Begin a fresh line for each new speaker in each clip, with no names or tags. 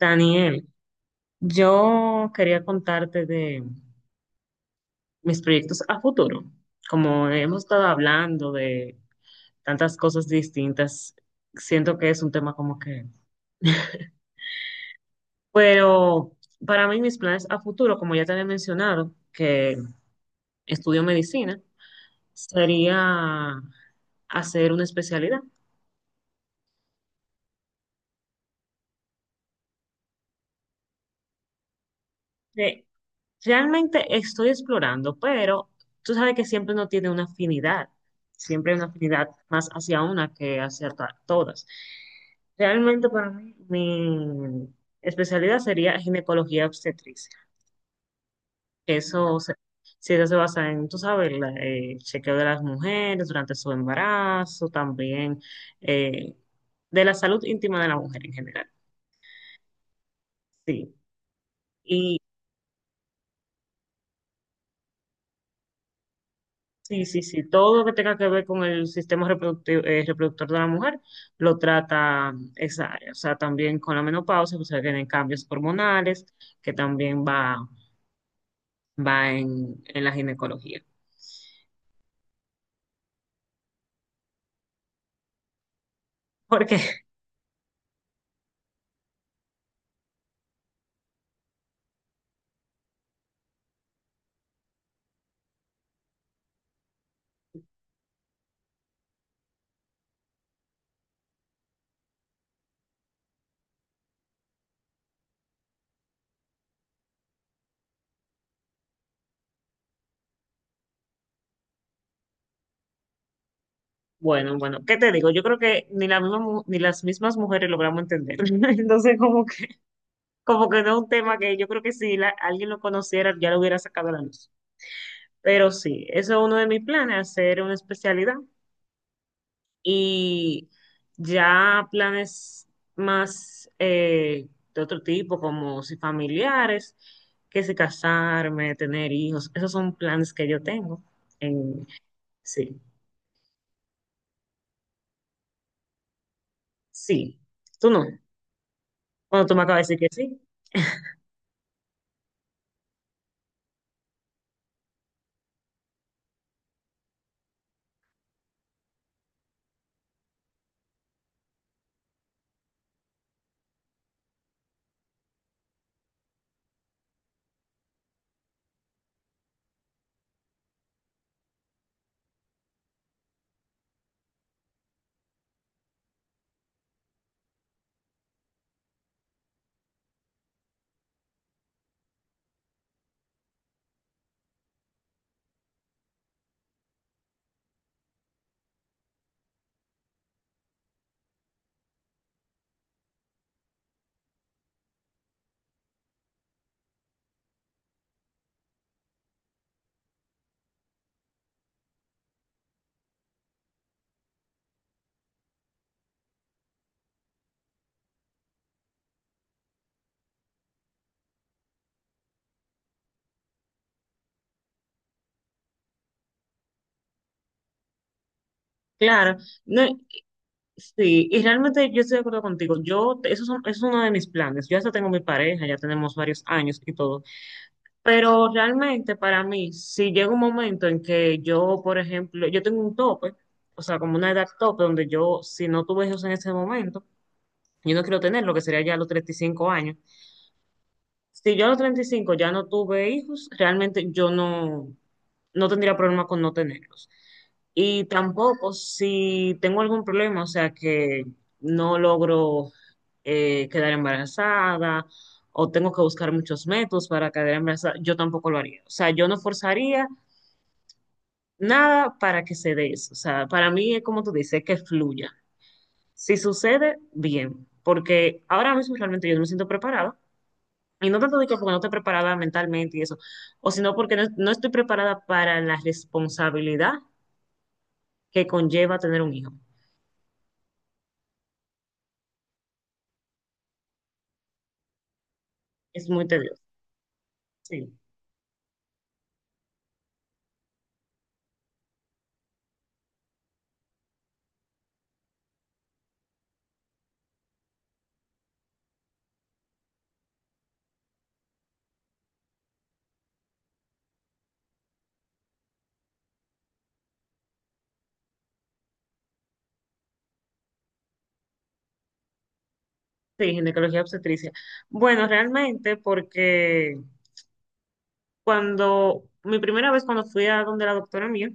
Daniel, yo quería contarte de mis proyectos a futuro. Como hemos estado hablando de tantas cosas distintas, siento que es un tema como Pero para mí mis planes a futuro, como ya te había mencionado, que estudio medicina, sería hacer una especialidad. Sí. Realmente estoy explorando, pero tú sabes que siempre uno tiene una afinidad, siempre hay una afinidad más hacia una que hacia todas. Realmente para mí mi especialidad sería ginecología obstetricia. Eso se, sí, eso se basa en, tú sabes, el chequeo de las mujeres durante su embarazo, también eh, de la salud íntima de la mujer en general. Sí. Sí, sí, sí. Todo lo que tenga que ver con el sistema reproductivo, reproductor de la mujer lo trata esa área. O sea, también con la menopausia, pues vienen cambios hormonales, que también va, en la ginecología. Porque, bueno, bueno, ¿qué te digo? Yo creo que ni la misma ni las mismas mujeres logramos entender. Entonces, como que no es un tema que yo creo que si alguien lo conociera, ya lo hubiera sacado a la luz. Pero sí, eso es uno de mis planes, hacer una especialidad y ya planes más de otro tipo, como si familiares, que si casarme, tener hijos, esos son planes que yo tengo. en- sí, sí, tú no. Cuando tú me acabas de decir que sí, claro. No, sí, y realmente yo estoy de acuerdo contigo. Yo, eso, es uno de mis planes. Yo hasta tengo mi pareja, ya tenemos varios años y todo. Pero realmente para mí, si llega un momento en que yo, por ejemplo, yo tengo un tope, o sea, como una edad tope, donde yo, si no tuve hijos en ese momento, yo no quiero tener lo que sería ya a los 35 años, si yo a los 35 ya no tuve hijos, realmente yo no, no tendría problema con no tenerlos. Y tampoco si tengo algún problema, o sea, que no logro quedar embarazada o tengo que buscar muchos métodos para quedar embarazada, yo tampoco lo haría. O sea, yo no forzaría nada para que se dé eso. O sea, para mí es como tú dices, que fluya. Si sucede, bien, porque ahora mismo realmente yo no me siento preparada y no tanto de que porque no estoy preparada mentalmente y eso, o sino porque no, no estoy preparada para la responsabilidad que conlleva tener un hijo. Es muy tedioso. Sí, sí, ginecología obstetricia. Bueno, realmente porque cuando, mi primera vez cuando fui a donde la doctora mía,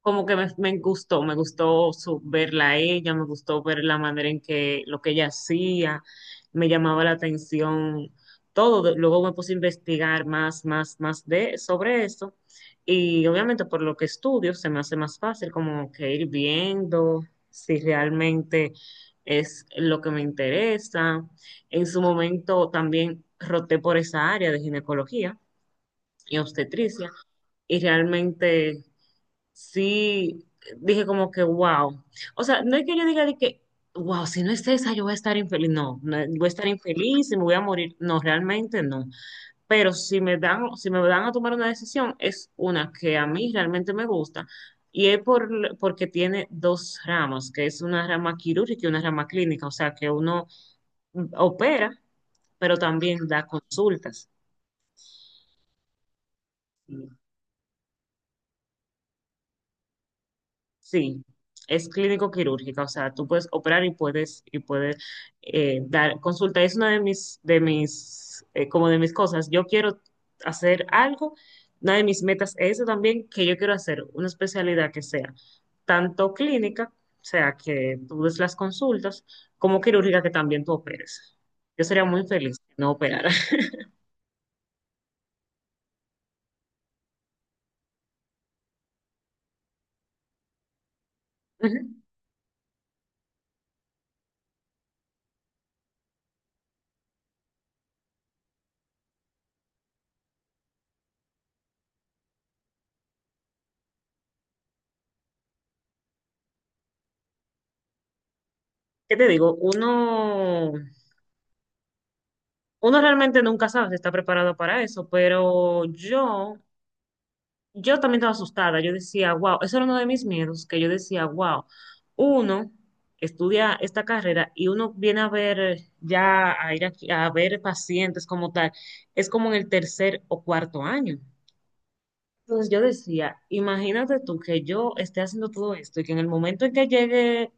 como que me gustó, verla a ella, me gustó ver la manera en que lo que ella hacía, me llamaba la atención todo. Luego me puse a investigar más, más, más de, sobre eso. Y obviamente por lo que estudio se me hace más fácil como que ir viendo si realmente es lo que me interesa. En su momento también roté por esa área de ginecología y obstetricia y realmente sí, dije como que wow. O sea, no es que yo diga de que, wow, si no es esa, yo voy a estar infeliz. No, no, voy a estar infeliz y me voy a morir. No, realmente no. Pero si me dan a tomar una decisión, es una que a mí realmente me gusta. Y es por, Porque tiene dos ramas, que es una rama quirúrgica y una rama clínica. O sea, que uno opera, pero también da consultas. Sí, es clínico quirúrgica, o sea, tú puedes operar y puedes dar consulta. Es una de mis como de mis cosas. Yo quiero hacer algo. Una de mis metas es eso también, que yo quiero hacer una especialidad que sea tanto clínica, o sea, que tú des las consultas, como quirúrgica que también tú operes. Yo sería muy feliz si no operara. Ujú. ¿Qué te digo? Uno realmente nunca sabe si está preparado para eso, pero yo también estaba asustada. Yo decía, wow, eso era uno de mis miedos, que yo decía, wow, uno estudia esta carrera y uno viene a ver ya, a ir aquí, a ver pacientes como tal, es como en el tercer o cuarto año. Entonces yo decía, imagínate tú que yo esté haciendo todo esto y que en el momento en que llegue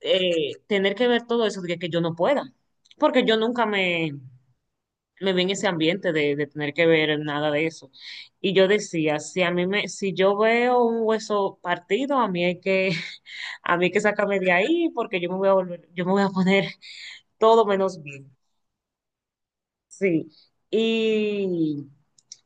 tener que ver todo eso, diga que yo no pueda, porque yo nunca me vi en ese ambiente de tener que ver nada de eso. Y yo decía, si yo veo un hueso partido, a mí hay que, a mí hay que sacarme de ahí porque yo me voy a volver, yo me voy a poner todo menos bien. Sí. Y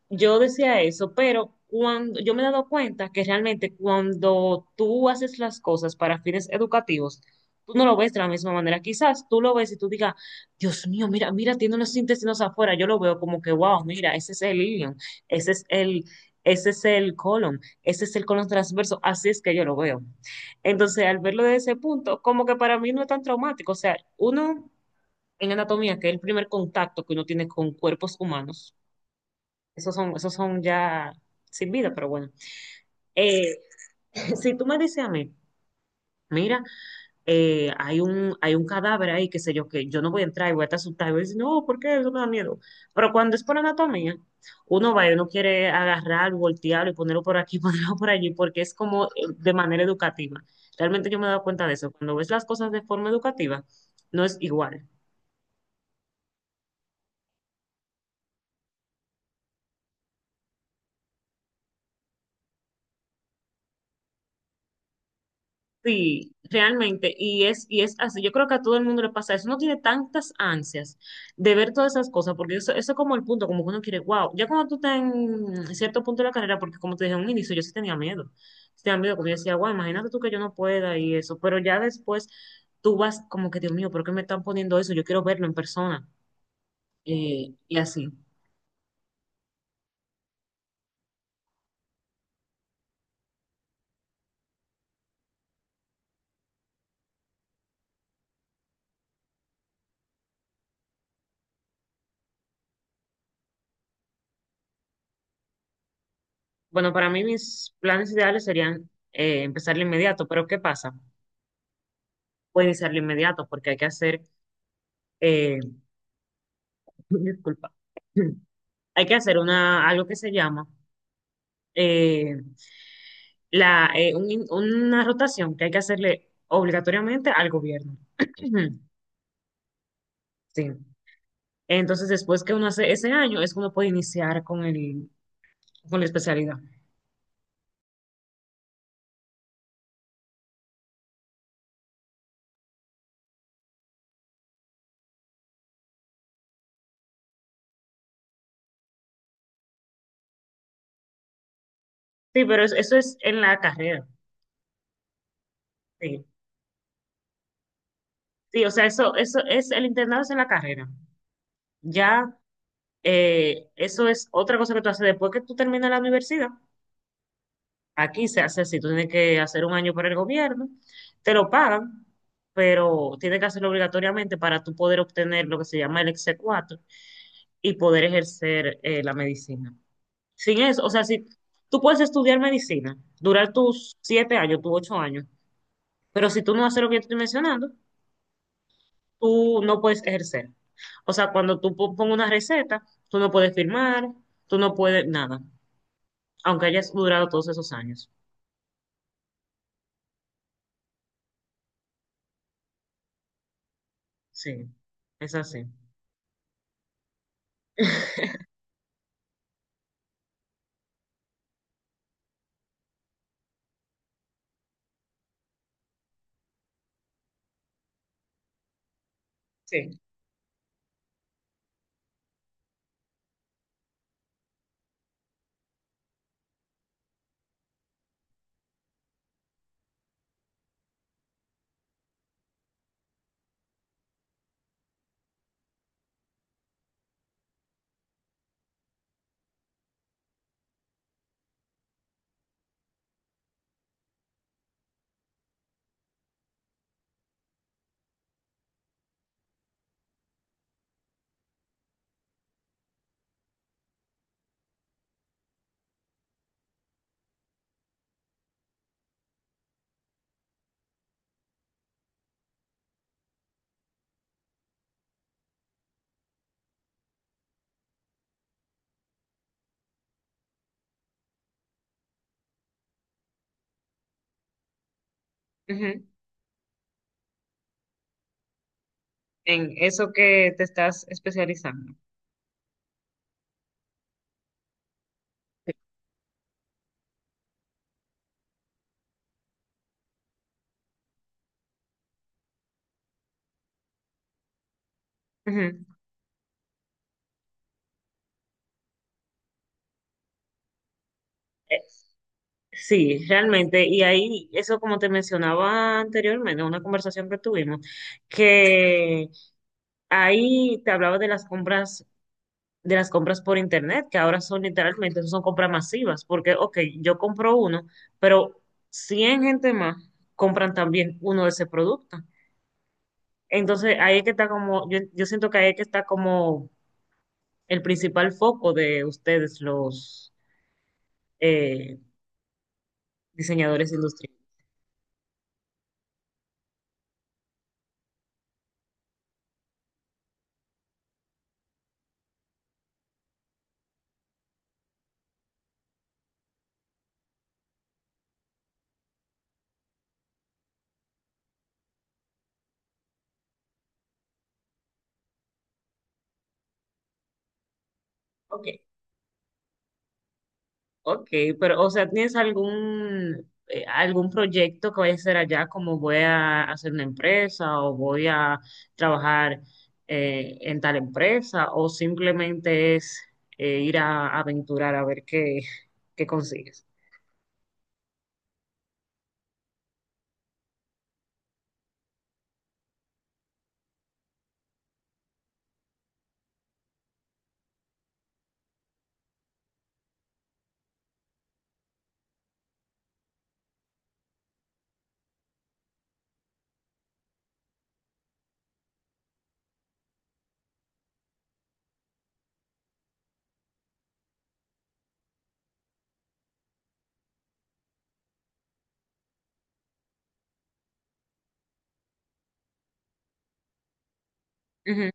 yo decía eso, pero cuando yo me he dado cuenta que realmente cuando tú haces las cosas para fines educativos, tú no lo ves de la misma manera. Quizás tú lo ves y tú digas, Dios mío, mira, mira, tiene unos intestinos afuera. Yo lo veo como que, wow, mira, ese es el ilion, ese es el, ese es el colon, ese es el colon transverso. Así es que yo lo veo. Entonces, al verlo desde ese punto, como que para mí no es tan traumático. O sea, uno en anatomía, que es el primer contacto que uno tiene con cuerpos humanos esos son ya sin vida, pero bueno. Eh, si tú me dices a mí, mira, hay un cadáver ahí, qué sé yo, que yo no voy a entrar y voy a estar asustada, y voy a decir, no, ¿por qué? Eso me da miedo. Pero cuando es por anatomía, uno va y uno quiere agarrar, voltearlo y ponerlo por aquí, ponerlo por allí, porque es como de manera educativa. Realmente yo me he dado cuenta de eso. Cuando ves las cosas de forma educativa, no es igual. Sí, realmente, y y es así. Yo creo que a todo el mundo le pasa eso. Uno tiene tantas ansias de ver todas esas cosas, porque eso es como el punto, como que uno quiere, wow, ya cuando tú estás en cierto punto de la carrera, porque como te dije en un inicio, yo sí tenía miedo. Sí tenía miedo, porque yo decía, wow, imagínate tú que yo no pueda y eso, pero ya después tú vas como que, Dios mío, ¿por qué me están poniendo eso? Yo quiero verlo en persona, y así. Bueno, para mí mis planes ideales serían empezar de inmediato, pero ¿qué pasa? Puede iniciar de inmediato, porque hay que hacer. eh, Disculpa. Hay que hacer una, algo que se llama eh, una rotación que hay que hacerle obligatoriamente al gobierno. Sí. Entonces, después que uno hace ese año, es que uno puede iniciar con la especialidad. Sí, pero eso es en la carrera. Sí. Sí, o sea, eso es, el internado es en la carrera. Ya, eso es otra cosa que tú haces después que tú terminas la universidad. Aquí se hace así, tú tienes que hacer un año para el gobierno, te lo pagan, pero tienes que hacerlo obligatoriamente para tú poder obtener lo que se llama el exe 4 y poder ejercer la medicina. Sin eso, o sea, si tú puedes estudiar medicina, durar tus 7 años, tus 8 años, pero si tú no haces lo que yo te estoy mencionando, tú no puedes ejercer. O sea, cuando tú pongas una receta, tú no puedes firmar, tú no puedes nada, aunque hayas durado todos esos años. Sí, es así. Sí. Ujú. En eso que te estás especializando. Ujú. Eh, Sí, realmente, y ahí, eso como te mencionaba anteriormente, en una conversación que tuvimos, que ahí te hablaba de las compras por internet, que ahora son literalmente, son compras masivas, porque, ok, yo compro uno, pero 100 gente más compran también uno de ese producto. Entonces, ahí es que está como, yo siento que ahí es que está como el principal foco de ustedes, los, eh, diseñadores industriales. Ok, ok, pero o sea, ¿tienes algún proyecto que vayas a hacer allá como voy a hacer una empresa o voy a trabajar en tal empresa o simplemente es ir a aventurar a ver qué, qué consigues? Ujú.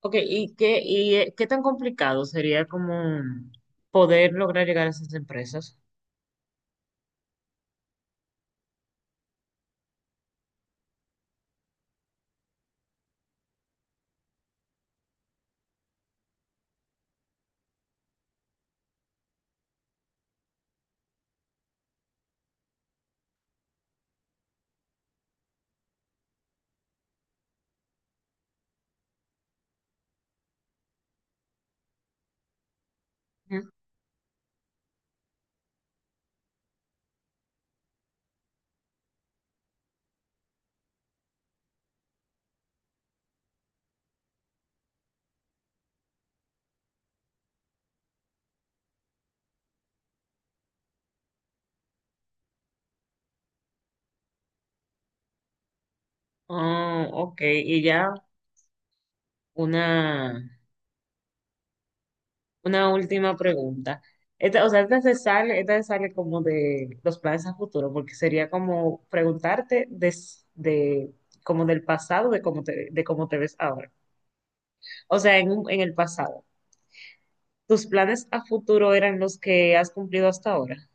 Ok, ¿y qué, qué tan complicado sería como poder lograr llegar a esas empresas? Ujú. Oh, ok, y ya una... Una última pregunta. Esta, o sea, esta se sale como de los planes a futuro, porque sería como preguntarte de, como del pasado, de cómo te ves ahora. O sea, en, en el pasado. ¿Tus planes a futuro eran los que has cumplido hasta ahora?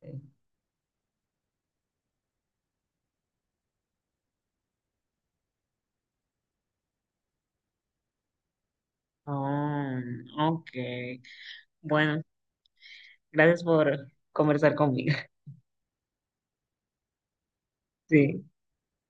Sí. Ah, ok. Bueno, gracias por conversar conmigo. Sí.